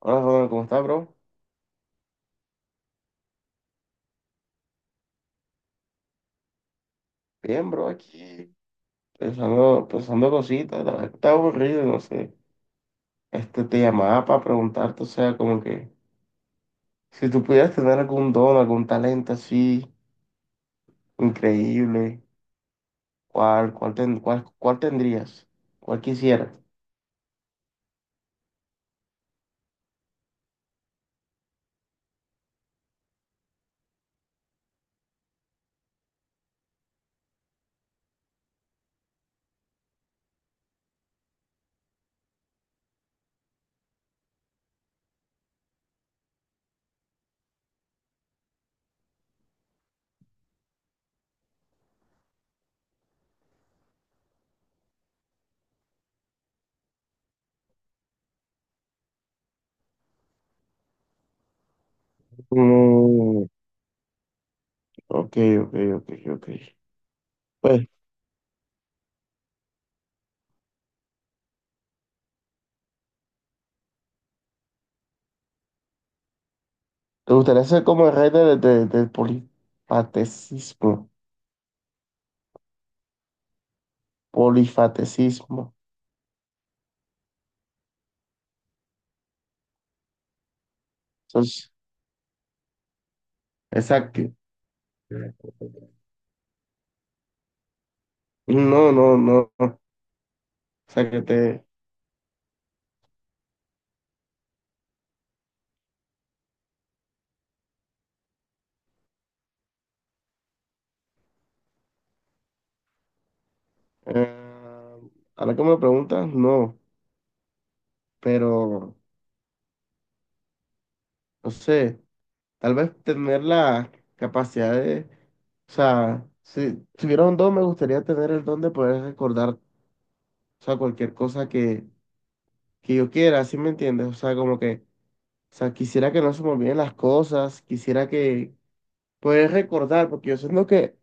Hola, Ronald, ¿cómo estás, bro? Bien, bro, aquí pensando cositas, la verdad está aburrido, no sé. Te llamaba para preguntarte, o sea, como que si tú pudieras tener algún don, algún talento así increíble, ¿ cuál tendrías? ¿Cuál quisieras? Mm, ok, ok, ok, ok. Pues, ¿te gustaría ser como el rey del polifatecismo? Polifatecismo. Entonces, exacto. No, no, no. O sea, que te... eh, ahora que me lo preguntas, no, pero no sé, tal vez tener la capacidad de... O sea, si tuviera un don, me gustaría tener el don de poder recordar, o sea, cualquier cosa que yo quiera, ¿sí me entiendes? O sea, como que, o sea, quisiera que no se me olviden las cosas, quisiera que poder recordar, porque yo siento que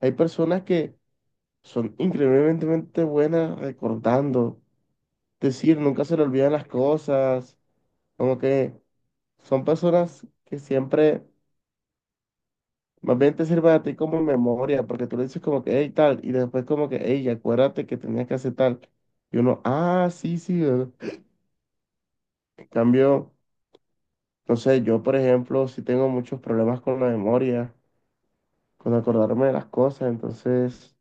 hay personas que son increíblemente buenas recordando, es decir, nunca se le olvidan las cosas. Como que son personas que siempre, más bien te sirven a ti como memoria, porque tú le dices como que, hey, tal, y después como que, hey, acuérdate que tenías que hacer tal. Y uno, ah, sí, sí. ¿Verdad? En cambio, no sé, yo, por ejemplo, sí tengo muchos problemas con la memoria, con acordarme de las cosas, entonces,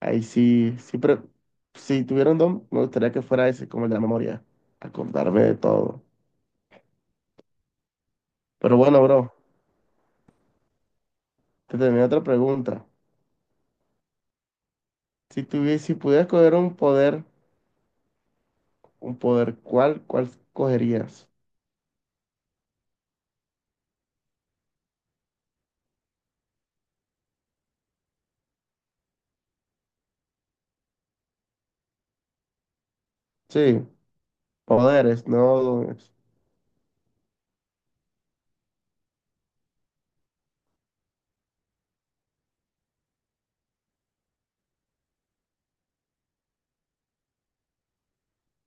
ahí sí, sí, pero si tuviera un don, me gustaría que fuera ese, como el de la memoria, acordarme de todo. Pero bueno, bro, te tenía otra pregunta. Si pudieras coger un poder. Un poder, cuál cogerías? Sí, poderes, no dones.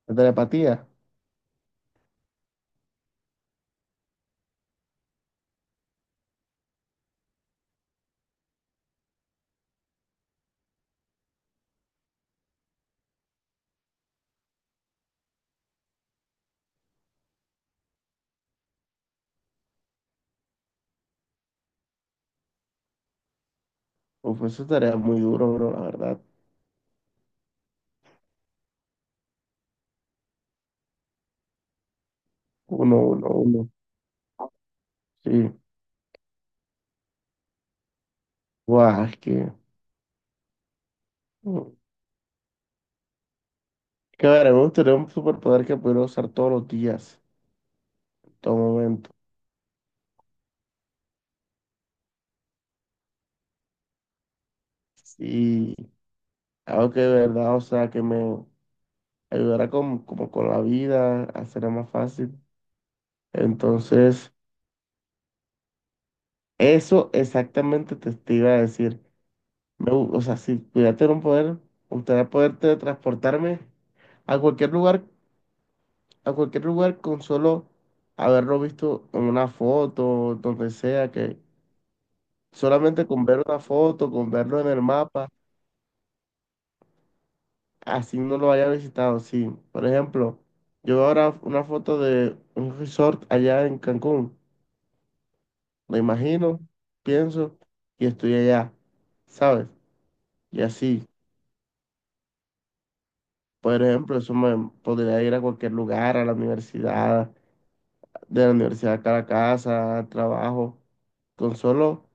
La telepatía. Uf, eso estaría muy duro, bro, la verdad. Uno, uno, uno. Sí. Guau, es que. Que a ver, me gustaría un superpoder que pudiera usar todos los días, en todo momento. Y algo que de verdad, o sea, que me ayudara con, como con la vida, a hacerla más fácil. Entonces, eso exactamente te iba a decir. O sea, si pudiera tener un poder, me gustaría poder teletransportarme a cualquier lugar, a cualquier lugar con solo haberlo visto en una foto, donde sea, que solamente con ver una foto, con verlo en el mapa, así no lo haya visitado. Sí, por ejemplo, yo veo ahora una foto de un resort allá en Cancún, me imagino, pienso, y estoy allá, ¿sabes? Y así, por ejemplo, eso me podría ir a cualquier lugar, a la universidad, de la universidad acá a la casa, al trabajo, con solo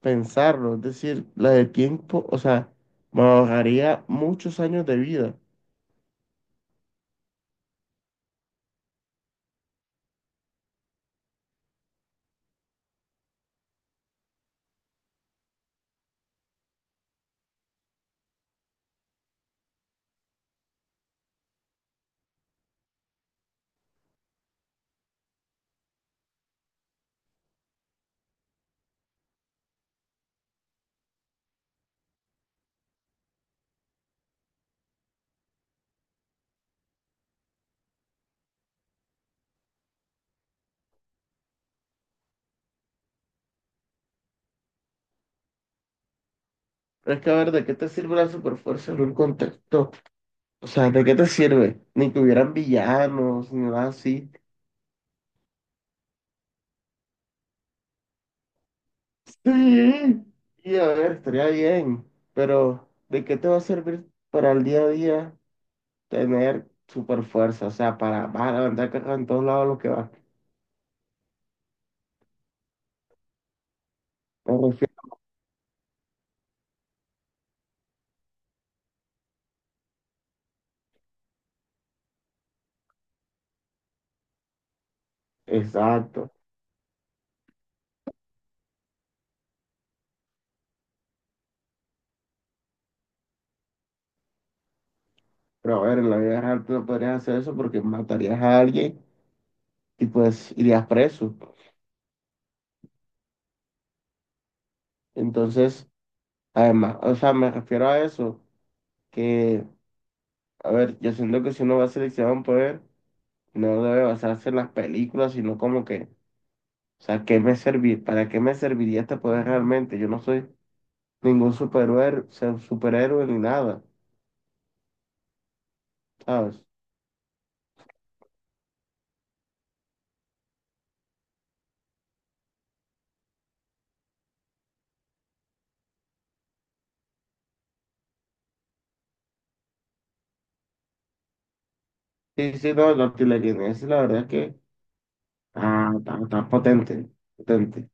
pensarlo, es decir, la de tiempo, o sea, me ahorraría muchos años de vida. Pero es que a ver, ¿de qué te sirve la superfuerza en un contexto? O sea, ¿de qué te sirve? Ni que hubieran villanos, ni nada así. Sí, y a ver, estaría bien, pero ¿de qué te va a servir para el día a día tener superfuerza? O sea, para, vas a levantar carga en todos lados lo que vas. Me refiero- exacto. Pero a ver, en la vida real tú no podrías hacer eso porque matarías a alguien y pues irías preso. Entonces, además, o sea, me refiero a eso, que, a ver, yo siento que si uno va a seleccionar un poder, no debe basarse en las películas, sino como que, o sea, ¿qué me servir? ¿Para qué me serviría este poder realmente? Yo no soy ningún superhéroe, superhéroe ni nada, ¿sabes? Sí, sí, no, la artillería, esa es la verdad que, ah, está, está potente, potente.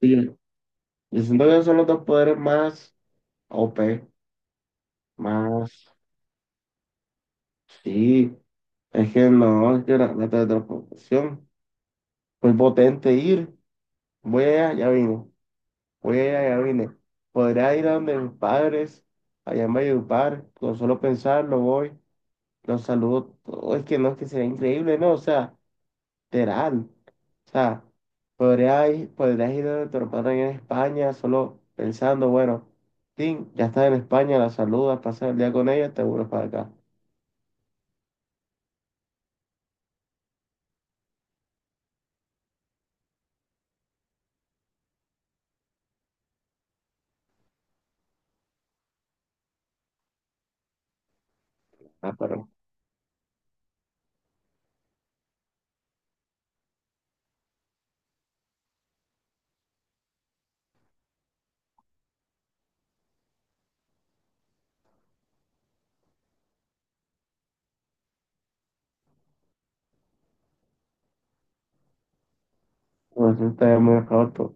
Sí, yo siento que son los dos poderes más OP, más, sí, es que no, es que la teletransportación muy potente ir, voy allá, ya vine, voy allá, ya vine, podría ir a donde mis padres, allá en Valledupar, con solo pensarlo voy, los saludo, todo, es que no, es que sería increíble, no, o sea, literal, o sea, podría ir, podrías ir a donde tus padres en España, solo pensando, bueno, sí, ya estás en España, la saludas, pasas el día con ella, te vuelves para acá, ah, pero nosotros hemos acabado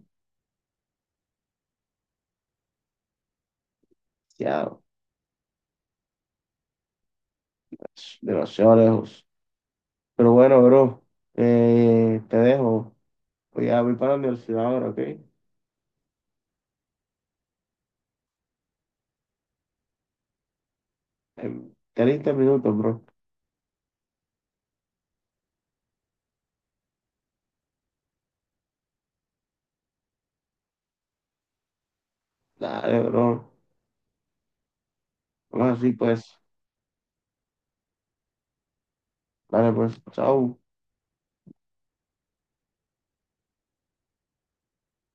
demasiado, demasiado lejos. Pero bueno, bro, te dejo. Voy para la universidad ahora, ¿ok? En 30 minutos, bro. Dale, bro. Vamos así, pues. Dale, pues. Chao.